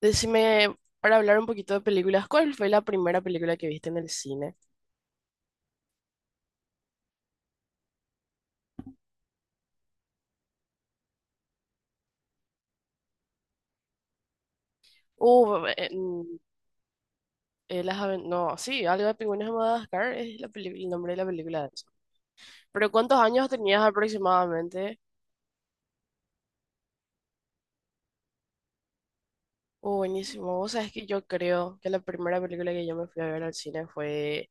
Decime, para hablar un poquito de películas, ¿cuál fue la primera película que viste en el cine? Uh, eh, mm, no, sí, algo de Pingüinos de Madagascar es la el nombre de la película de eso. Pero ¿cuántos años tenías aproximadamente? Buenísimo. Vos sabés que yo creo que la primera película que yo me fui a ver al cine fue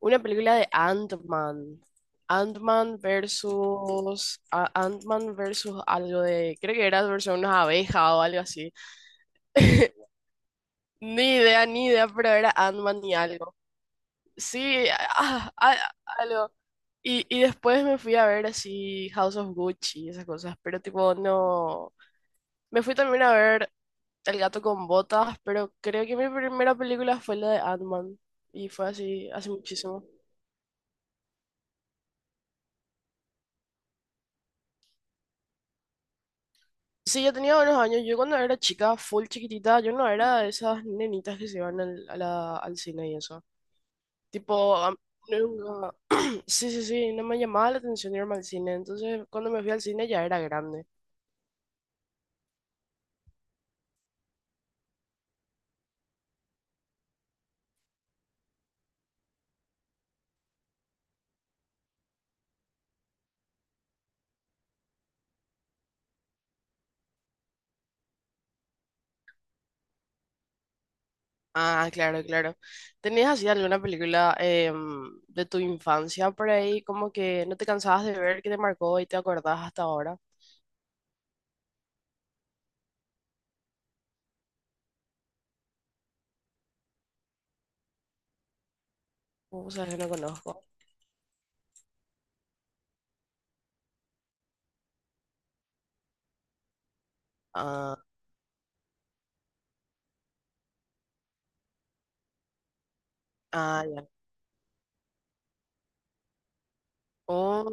una película de Ant-Man. Ant-Man versus Ant-Man versus algo de. Creo que era versus unas abejas o algo así. Ni idea, ni idea, pero era Ant-Man y algo. Sí, ah, ah, algo. Y después me fui a ver así House of Gucci y esas cosas, pero tipo no. Me fui también a ver El gato con botas, pero creo que mi primera película fue la de Ant-Man y fue así hace muchísimo. Sí, yo tenía unos años. Yo, cuando era chica, full chiquitita, yo no era de esas nenitas que se iban al cine y eso. Tipo, nunca. Sí, sí, sí, no me llamaba la atención irme al cine. Entonces, cuando me fui al cine, ya era grande. Ah, claro, claro. ¿Tenías así alguna película, de tu infancia por ahí, como que no te cansabas de ver, que te marcó y te acordás hasta ahora? O sea, que no conozco. Ah, ah, ya. Oh.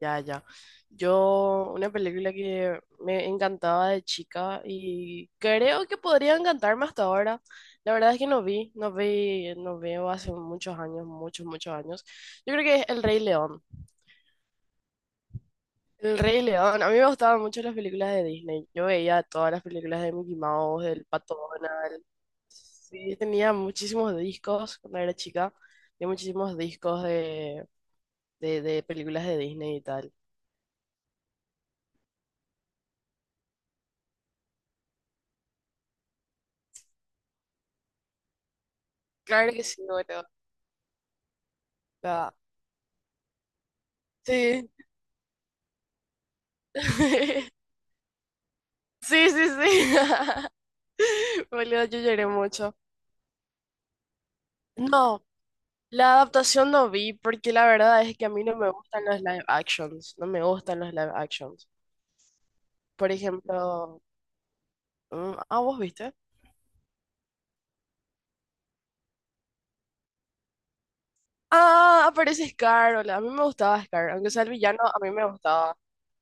Ya, ya. Yo, una película que me encantaba de chica y creo que podría encantarme hasta ahora. La verdad es que no vi, no vi, no veo hace muchos años, muchos, muchos años. Yo creo que es El Rey León. El Rey León. A mí me gustaban mucho las películas de Disney. Yo veía todas las películas de Mickey Mouse, del Pato Donald. Sí, tenía muchísimos discos cuando era chica. Tenía muchísimos discos de, de películas de Disney y tal. Claro que sí, bueno, o sea, sí. Sí, sí, sí. Boludo, yo lloré mucho. No, la adaptación no vi porque la verdad es que a mí no me gustan los live actions. No me gustan los live actions. Por ejemplo, ¿vos viste? Ah, aparece Scar. Hola, a mí me gustaba Scar. Aunque sea el villano, a mí me gustaba.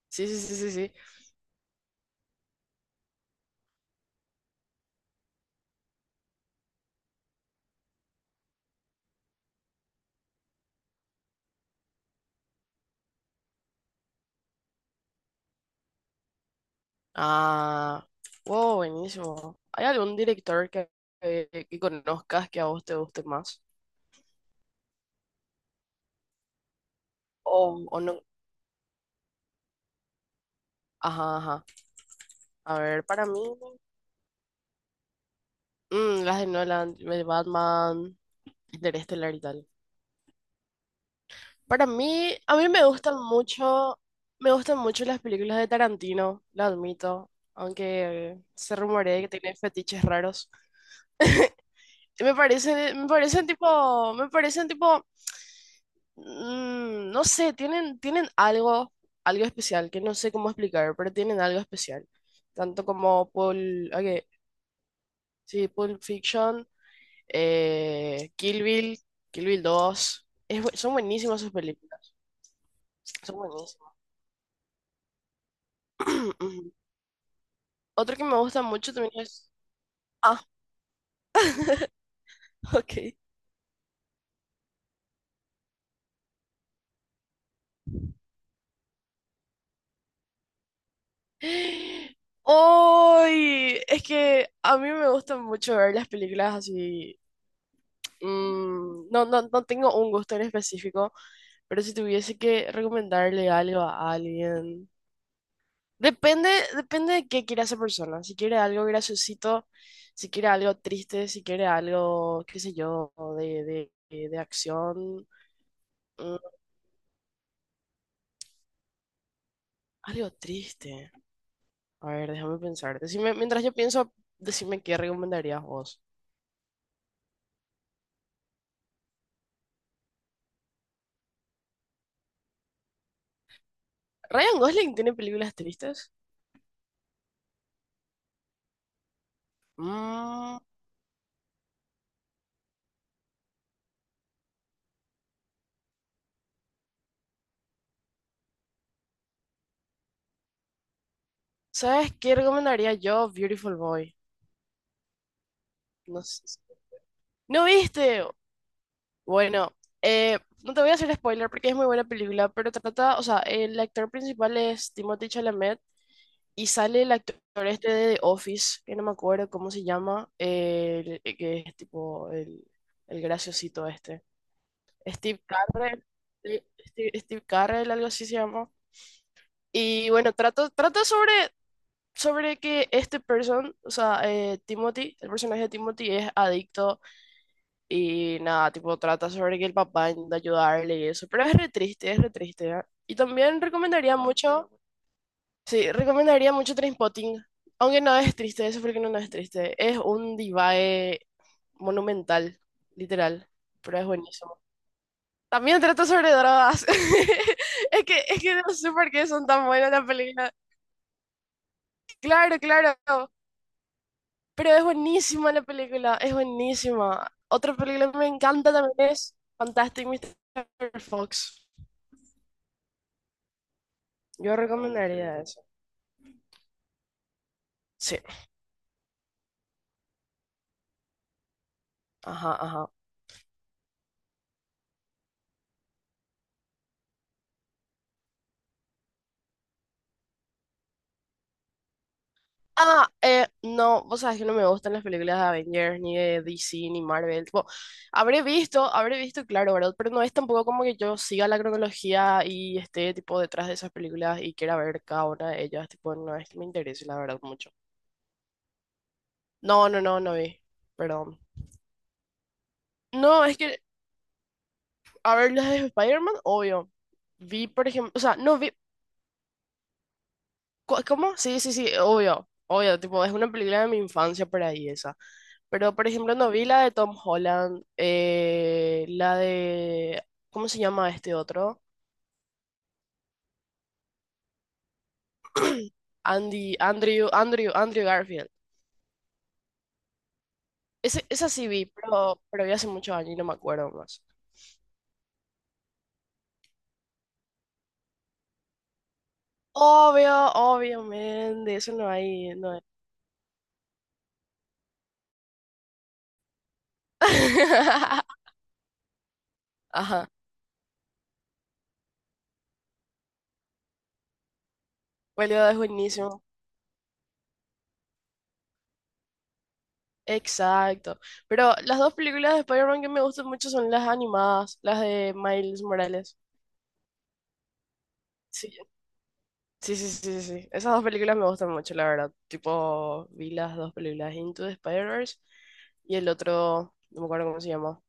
Sí, sí, sí, sí, sí. Ah, wow, buenísimo. ¿Hay algún director que conozcas que a vos te guste más? O no. Ajá, ajá. A ver, para mí. Las de Nolan, de Batman, Interestelar y tal. Para mí, a mí me gustan mucho las películas de Tarantino, lo admito, aunque se rumorea que tiene fetiches raros. Y me parece, me parecen tipo, no sé, tienen algo, algo especial, que no sé cómo explicar, pero tienen algo especial. Tanto como Pulp, ok, sí, Pulp Fiction. Kill Bill, Kill Bill 2. Son buenísimas sus películas, son buenísimas. Otro que me gusta mucho también es. Ah, ok. ¡Ay! Es que a mí me gusta mucho ver las películas así. No, no, no tengo un gusto en específico, pero si tuviese que recomendarle algo a alguien. Depende, depende de qué quiera esa persona. Si quiere algo graciosito, si quiere algo triste, si quiere algo, qué sé yo, de acción. mm, Algo triste. A ver, déjame pensar. Decime, mientras yo pienso, decime qué recomendarías vos. ¿Ryan Gosling tiene películas tristes? Mm, ¿Sabes qué recomendaría yo? Beautiful Boy. No sé ¿No viste? Bueno, no te voy a hacer spoiler porque es muy buena película, pero trata, o sea, el actor principal es Timothée Chalamet. Y sale el actor este de The Office, que no me acuerdo cómo se llama, que es tipo el graciosito este. Steve Carrell, sí, Steve Carrell, algo así se llama. Y bueno, trata sobre, que o sea, Timothy, el personaje de Timothy es adicto, y nada, tipo trata sobre que el papá intenta ayudarle y eso. Pero es re triste, ¿eh? Y también recomendaría mucho. Sí, recomendaría mucho Trainspotting, aunque no es triste, eso porque no, no es triste. Es un divae monumental, literal, pero es buenísimo. También trata sobre drogas. Es que no sé por qué son tan buenas las películas. Claro, claro, pero es buenísima la película, es buenísima. Otra película que me encanta también es Fantastic Mr. Fox. Yo Ah, ok, recomendaría, ok, eso. Sí, ajá, ajá. Ah, no, vos sabés que no me gustan las películas de Avengers, ni de DC, ni Marvel. Tipo, habré visto, claro, ¿verdad? Pero no es tampoco como que yo siga la cronología y esté, tipo, detrás de esas películas y quiera ver cada una de ellas. Tipo, no es que me interese, la verdad, mucho. No, no, no, no vi. Perdón. No, es que, a ver, las de Spider-Man, obvio. Vi, por ejemplo, o sea, no vi. ¿Cómo? Sí, sí, sí, obvio, obvio, tipo, es una película de mi infancia por ahí esa. Pero, por ejemplo, no vi la de Tom Holland, la de, ¿cómo se llama este otro? Andrew Garfield. Ese, esa sí vi, pero vi hace muchos años y no me acuerdo más. Obvio, obviamente, eso no hay, no hay. Ajá, boludo, es buenísimo. Exacto. Pero las dos películas de Spider-Man que me gustan mucho son las animadas, las de Miles Morales. Sí, sí, sí, sí, sí, sí. Esas dos películas me gustan mucho, la verdad. Tipo, vi las dos películas, Into the Spider-Verse, y el otro, no me acuerdo cómo se llama.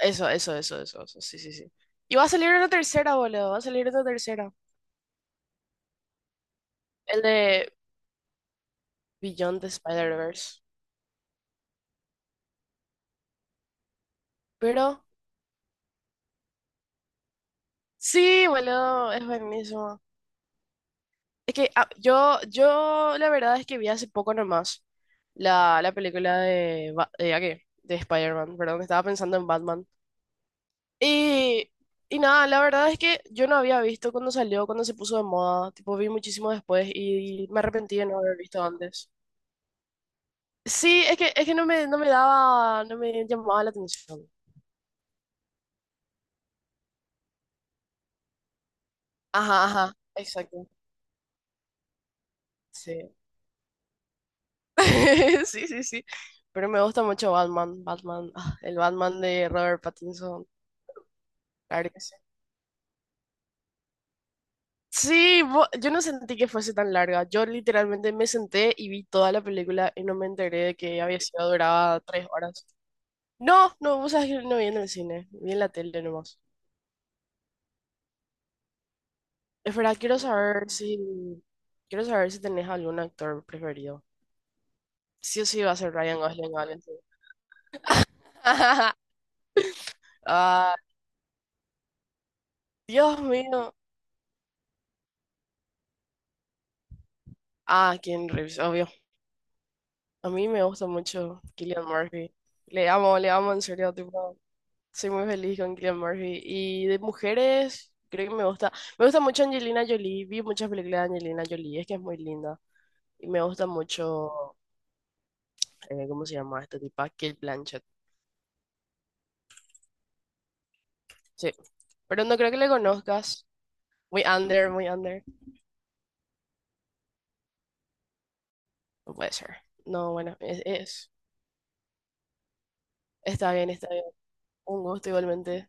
Eso, sí, sí, sí. Y va a salir una tercera, boludo, va a salir una tercera. El de Beyond the Spider-Verse. Pero, sí, boludo, es buenísimo. Es que yo, la verdad es que vi hace poco nomás la película de, ¿a qué? De Spider-Man, perdón, estaba pensando en Batman. Y, y nada, la verdad es que yo no había visto cuando salió, cuando se puso de moda, tipo vi muchísimo después y me arrepentí de no haber visto antes. Sí, es que no me, no me daba, no me llamaba la atención. Ajá, ajá, exacto, sí. Sí, sí, sí. Pero me gusta mucho Batman, Batman, el Batman de Robert Pattinson, claro que sí. Sí, yo no sentí que fuese tan larga. Yo literalmente me senté y vi toda la película y no me enteré de que había sido duraba 3 horas. No, no, vos sabés que no vi en el cine, vi en la tele nomás. Es verdad, quiero saber si tenés algún actor preferido. Sí o sí va a ser Ryan Gosling o alguien así. Ah, Dios mío. Ah, Keanu Reeves, obvio. A mí me gusta mucho Killian Murphy. Le amo en serio, tipo, soy muy feliz con Killian Murphy. Y de mujeres, creo que me gusta, mucho Angelina Jolie. Vi muchas películas de Angelina Jolie, es que es muy linda. Y me gusta mucho, ¿cómo se llama esta tipa? Kate Blanchett. Sí, pero no creo que le conozcas. Muy under, muy under. No puede ser. No, bueno, es- Está bien, está bien. Un gusto igualmente.